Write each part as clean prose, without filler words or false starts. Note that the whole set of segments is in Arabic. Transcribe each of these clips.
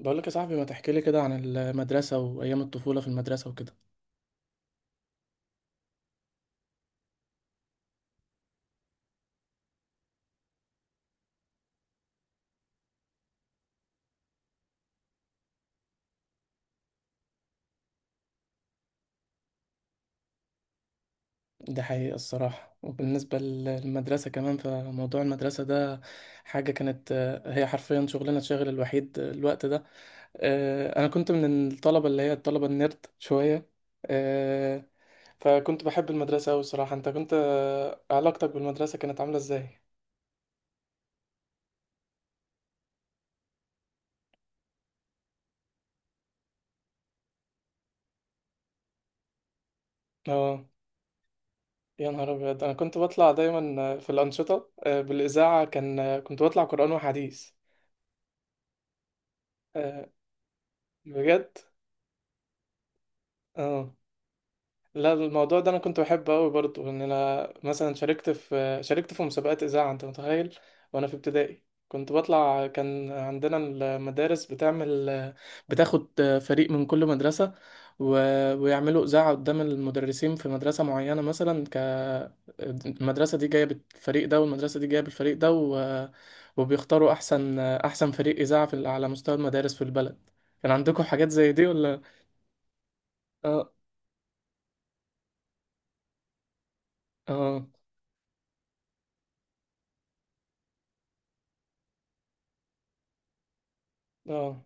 بقول لك يا صاحبي ما تحكي لي كده عن المدرسة وأيام الطفولة في المدرسة وكده. دي حقيقة الصراحة. وبالنسبة للمدرسة كمان، فموضوع المدرسة ده حاجة كانت، هي حرفيا شغلنا الشاغل الوحيد الوقت ده. أنا كنت من الطلبة اللي هي الطلبة النيرد شوية. آه، فكنت بحب المدرسة أوي الصراحة. أنت كنت، علاقتك بالمدرسة كانت عاملة إزاي؟ اه، يا نهار أبيض. أنا كنت بطلع دايما في الأنشطة، بالإذاعة كنت بطلع قرآن وحديث. آه، بجد، اه. لا، الموضوع ده انا كنت بحبه قوي برضو. ان انا مثلا شاركت في مسابقات اذاعه، انت متخيل. وانا في ابتدائي كنت بطلع. كان عندنا المدارس بتعمل، بتاخد فريق من كل مدرسه و... ويعملوا اذاعه قدام المدرسين في مدرسه معينه. مثلا المدرسه دي جايه بالفريق ده، والمدرسه دي جايه بالفريق ده، وبيختاروا احسن فريق اذاعه على مستوى المدارس في البلد. كان عندكم حاجات زي دي ولا؟ اه، اه، اه.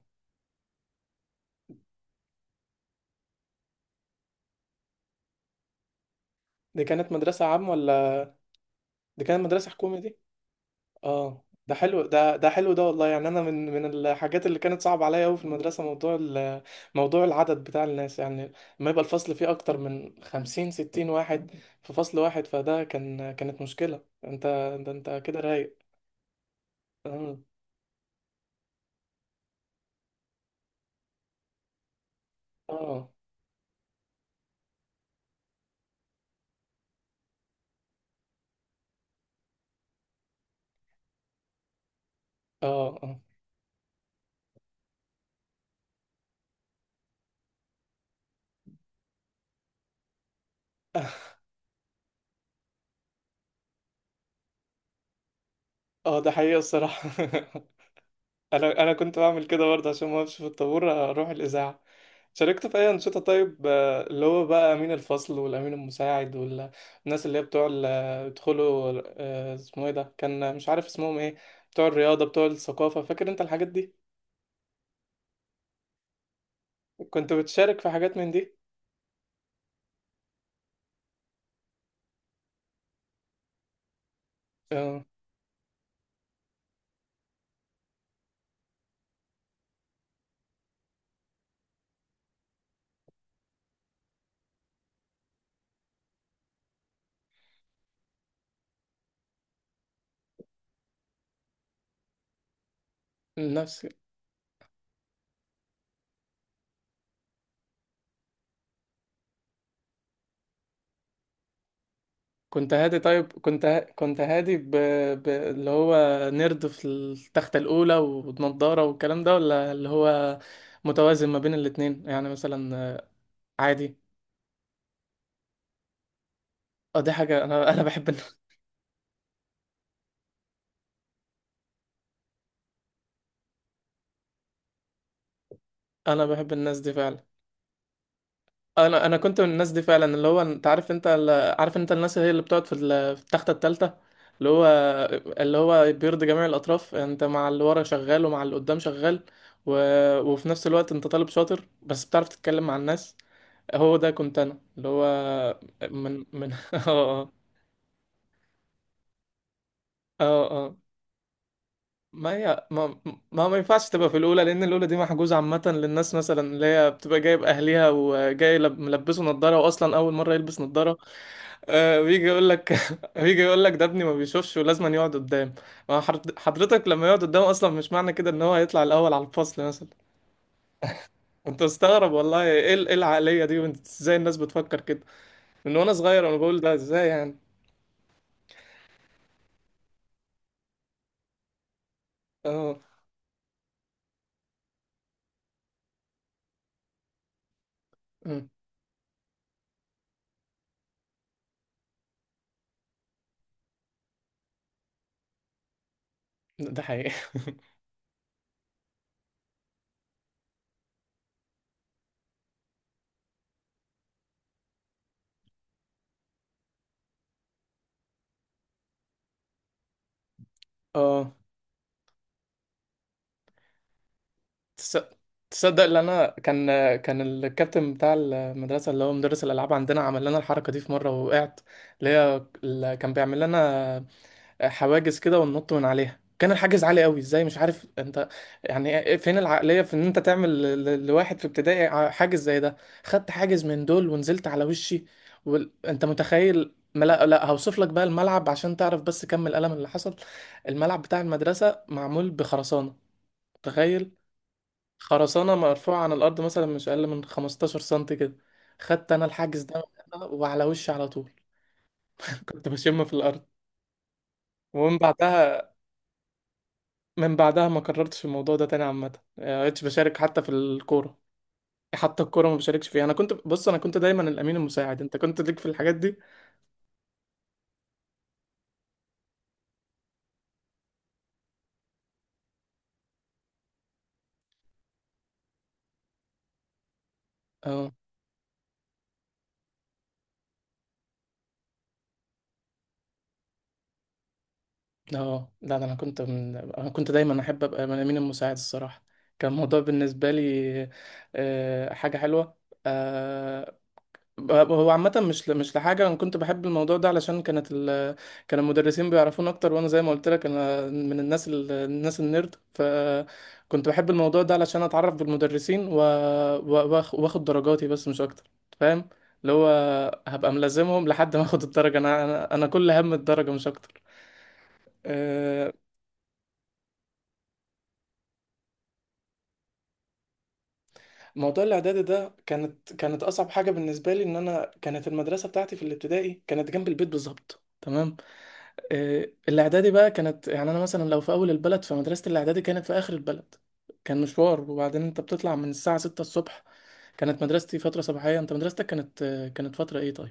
دي كانت مدرسة عام ولا دي كانت مدرسة حكومي دي؟ اه، ده حلو ده، ده حلو ده والله. يعني انا من الحاجات اللي كانت صعبة عليا قوي في المدرسة موضوع موضوع العدد بتاع الناس يعني. لما يبقى الفصل فيه اكتر من خمسين ستين واحد في فصل واحد، فده كان، كانت مشكلة. انت ده انت كده رايق. اه، اه، اه، آه، ده حقيقة الصراحة. انا انا كنت بعمل كده برضه عشان ما اقفش في الطابور، اروح الاذاعه. شاركت في اي انشطه طيب، اللي هو بقى امين الفصل والامين المساعد، والناس اللي هي بتوع بيدخلوا، اسمه ايه ده، كان مش عارف اسمهم ايه، بتوع الرياضه بتوع الثقافه. فاكر انت الحاجات دي؟ كنت بتشارك في حاجات من دي؟ اه، نفسي. كنت هادي طيب؟ كنت هادي اللي هو نرد في التختة الأولى ونضارة والكلام ده، ولا اللي هو متوازن ما بين الاتنين يعني مثلا عادي؟ اه، دي حاجة انا انا بحب انا بحب الناس دي فعلا. انا انا كنت من الناس دي فعلا. اللي هو انت عارف انت عارف انت الناس اللي هي اللي بتقعد في في التختة التالتة، اللي هو اللي هو بيرضي جميع الاطراف. انت مع اللي ورا شغال، ومع اللي قدام شغال، و... وفي نفس الوقت انت طالب شاطر بس بتعرف تتكلم مع الناس. هو ده كنت انا اللي هو. من اه، اه، اه، آه. ما هي ما ما ينفعش تبقى في الاولى، لان الاولى دي محجوزه عامه للناس مثلا اللي هي بتبقى جايب اهليها وجاي ملبسه نظاره، واصلا اول مره يلبس نظاره. آه، بيجي يقول لك بيجي يقول لك ده ابني ما بيشوفش ولازم يقعد قدام. ما حر- حضرتك لما يقعد قدام اصلا مش معنى كده ان هو هيطلع الاول على الفصل مثلا. انت استغرب والله، ايه إيه العقليه دي، وانت ازاي الناس بتفكر كده؟ من وانا صغير انا بقول ده ازاي يعني. اه، أمم، ده حقيقي. اه، تس- تصدق ان انا كان، كان الكابتن بتاع المدرسه اللي هو مدرس الالعاب عندنا عمل لنا الحركه دي في مره وقعت، اللي هي اللي كان بيعمل لنا حواجز كده وننط من عليها. كان الحاجز عالي قوي ازاي مش عارف انت. يعني فين العقليه في ان انت تعمل لواحد في ابتدائي حاجز زي ده. خدت حاجز من دول ونزلت على وشي. وانت متخيل. ما لا، هوصف لك بقى الملعب عشان تعرف بس كم الألم اللي حصل. الملعب بتاع المدرسه معمول بخرسانه، متخيل. خرسانة مرفوعة عن الأرض مثلا مش أقل من 15 سنتي كده. خدت أنا الحجز ده وعلى وشي على طول. كنت بشم في الأرض. ومن بعدها، من بعدها ما كررتش الموضوع ده تاني عامة يعني. ما بقتش بشارك حتى في الكورة. حتى الكورة ما بشاركش فيها. أنا كنت بص، أنا كنت دايما الأمين المساعد. أنت كنت ليك في الحاجات دي؟ أه، أه، لا. ده أنا أنا كنت دايما أحب أبقى من الأمين المساعد الصراحة. كان الموضوع بالنسبة لي، حاجة حلوة. آه، هو عامة مش لحاجة. أنا كنت بحب الموضوع ده علشان كان المدرسين بيعرفون أكتر. وأنا زي ما قلت لك أنا من الناس النيرد، فكنت بحب الموضوع ده علشان أتعرف بالمدرسين، وآخد درجاتي بس مش أكتر. فاهم، اللي هو هبقى ملازمهم لحد ما آخد الدرجة. أنا كل هم الدرجة مش أكتر. آه، موضوع الإعدادي ده كانت أصعب حاجة بالنسبة لي. إن أنا كانت المدرسة بتاعتي في الابتدائي كانت جنب البيت بالظبط، تمام. الاعدادي بقى كانت، يعني انا مثلا لو في اول البلد فمدرسه الاعدادي كانت في اخر البلد. كان مشوار. وبعدين انت بتطلع من الساعه 6 الصبح. كانت مدرستي فتره صباحيه. انت مدرستك كانت، كانت فتره ايه طيب؟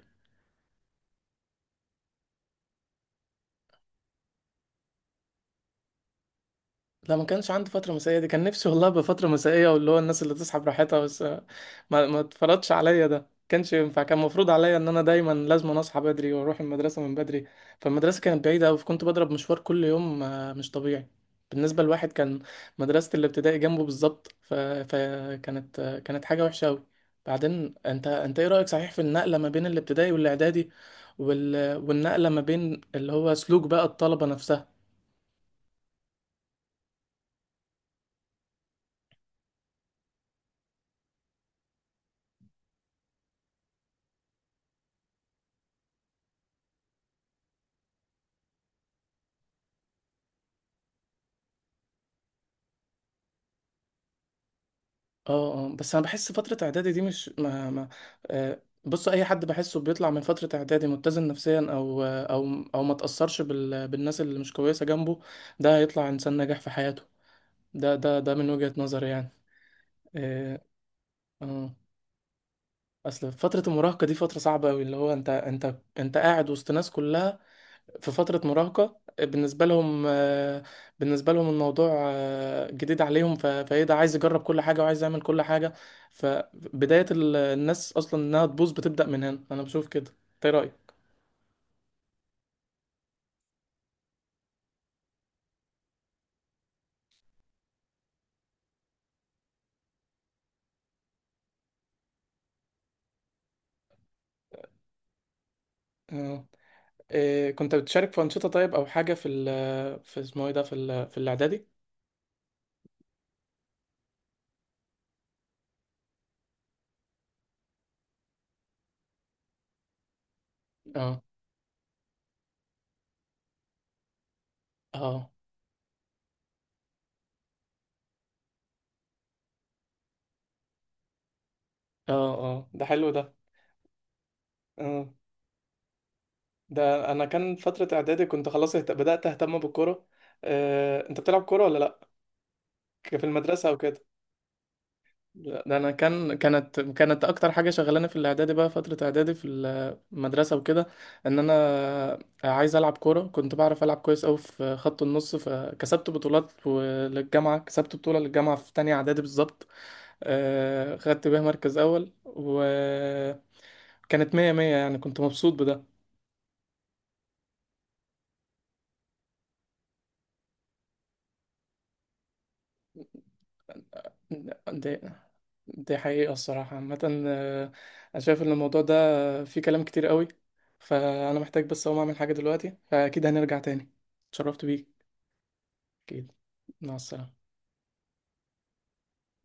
لا، ما كانش عندي فترة مسائية دي. كان نفسي والله أبقى فترة مسائية، واللي هو الناس اللي تصحى براحتها. بس ما اتفرضش عليا ده، كانش ينفع. كان المفروض عليا ان انا دايما لازم اصحى بدري واروح المدرسة من بدري. فالمدرسة كانت بعيدة أوي، فكنت بضرب مشوار كل يوم، مش طبيعي بالنسبة لواحد كان مدرسة الابتدائي جنبه بالظبط. فكانت، كانت حاجة وحشة أوي. بعدين انت، انت ايه رأيك صحيح في النقلة ما بين الابتدائي والاعدادي، والنقلة ما بين اللي هو سلوك بقى الطلبة نفسها؟ اه، اه، بس انا بحس فترة اعدادي دي مش ما ما آه. بص، اي حد بحسه بيطلع من فترة اعدادي متزن نفسيا، او ما تأثرش بالناس اللي مش كويسة جنبه، ده هيطلع انسان ناجح في حياته. ده من وجهة نظري يعني. اه، آه. اصل فترة المراهقة دي فترة صعبة قوي، اللي هو انت، انت قاعد وسط ناس كلها في فترة مراهقة. بالنسبة لهم، بالنسبة لهم الموضوع، جديد عليهم. فايه ده عايز يجرب كل حاجة وعايز يعمل كل حاجة. فبداية الناس أصلا إنها تبوظ بتبدأ من هنا. أنا بشوف كده. إنت إيه رأيك؟ آه. إيه، كنت بتشارك في أنشطة طيب أو حاجة في في اسمه إيه ده، في في الإعدادي؟ اه، اه، اه، اه، ده حلو ده. اه، ده أنا كان فترة إعدادي كنت خلاص بدأت أهتم بالكورة. آه. أنت بتلعب كورة ولا لأ؟ في المدرسة أو كده؟ لا، ده انا كان، كانت اكتر حاجه شغلاني في الاعدادي بقى فتره اعدادي في المدرسه وكده ان انا عايز العب كوره. كنت بعرف العب كويس قوي في خط النص، فكسبت بطولات للجامعه. كسبت بطوله للجامعه في تانية اعدادي بالظبط. خدت بيها مركز اول، وكانت مية مية يعني. كنت مبسوط. بده، دي حقيقة الصراحة. عامة أنا شايف إن الموضوع ده، فيه كلام كتير قوي. فأنا محتاج بس أقوم أعمل حاجة دلوقتي، فأكيد هنرجع تاني. اتشرفت بيك. أكيد. مع السلامة.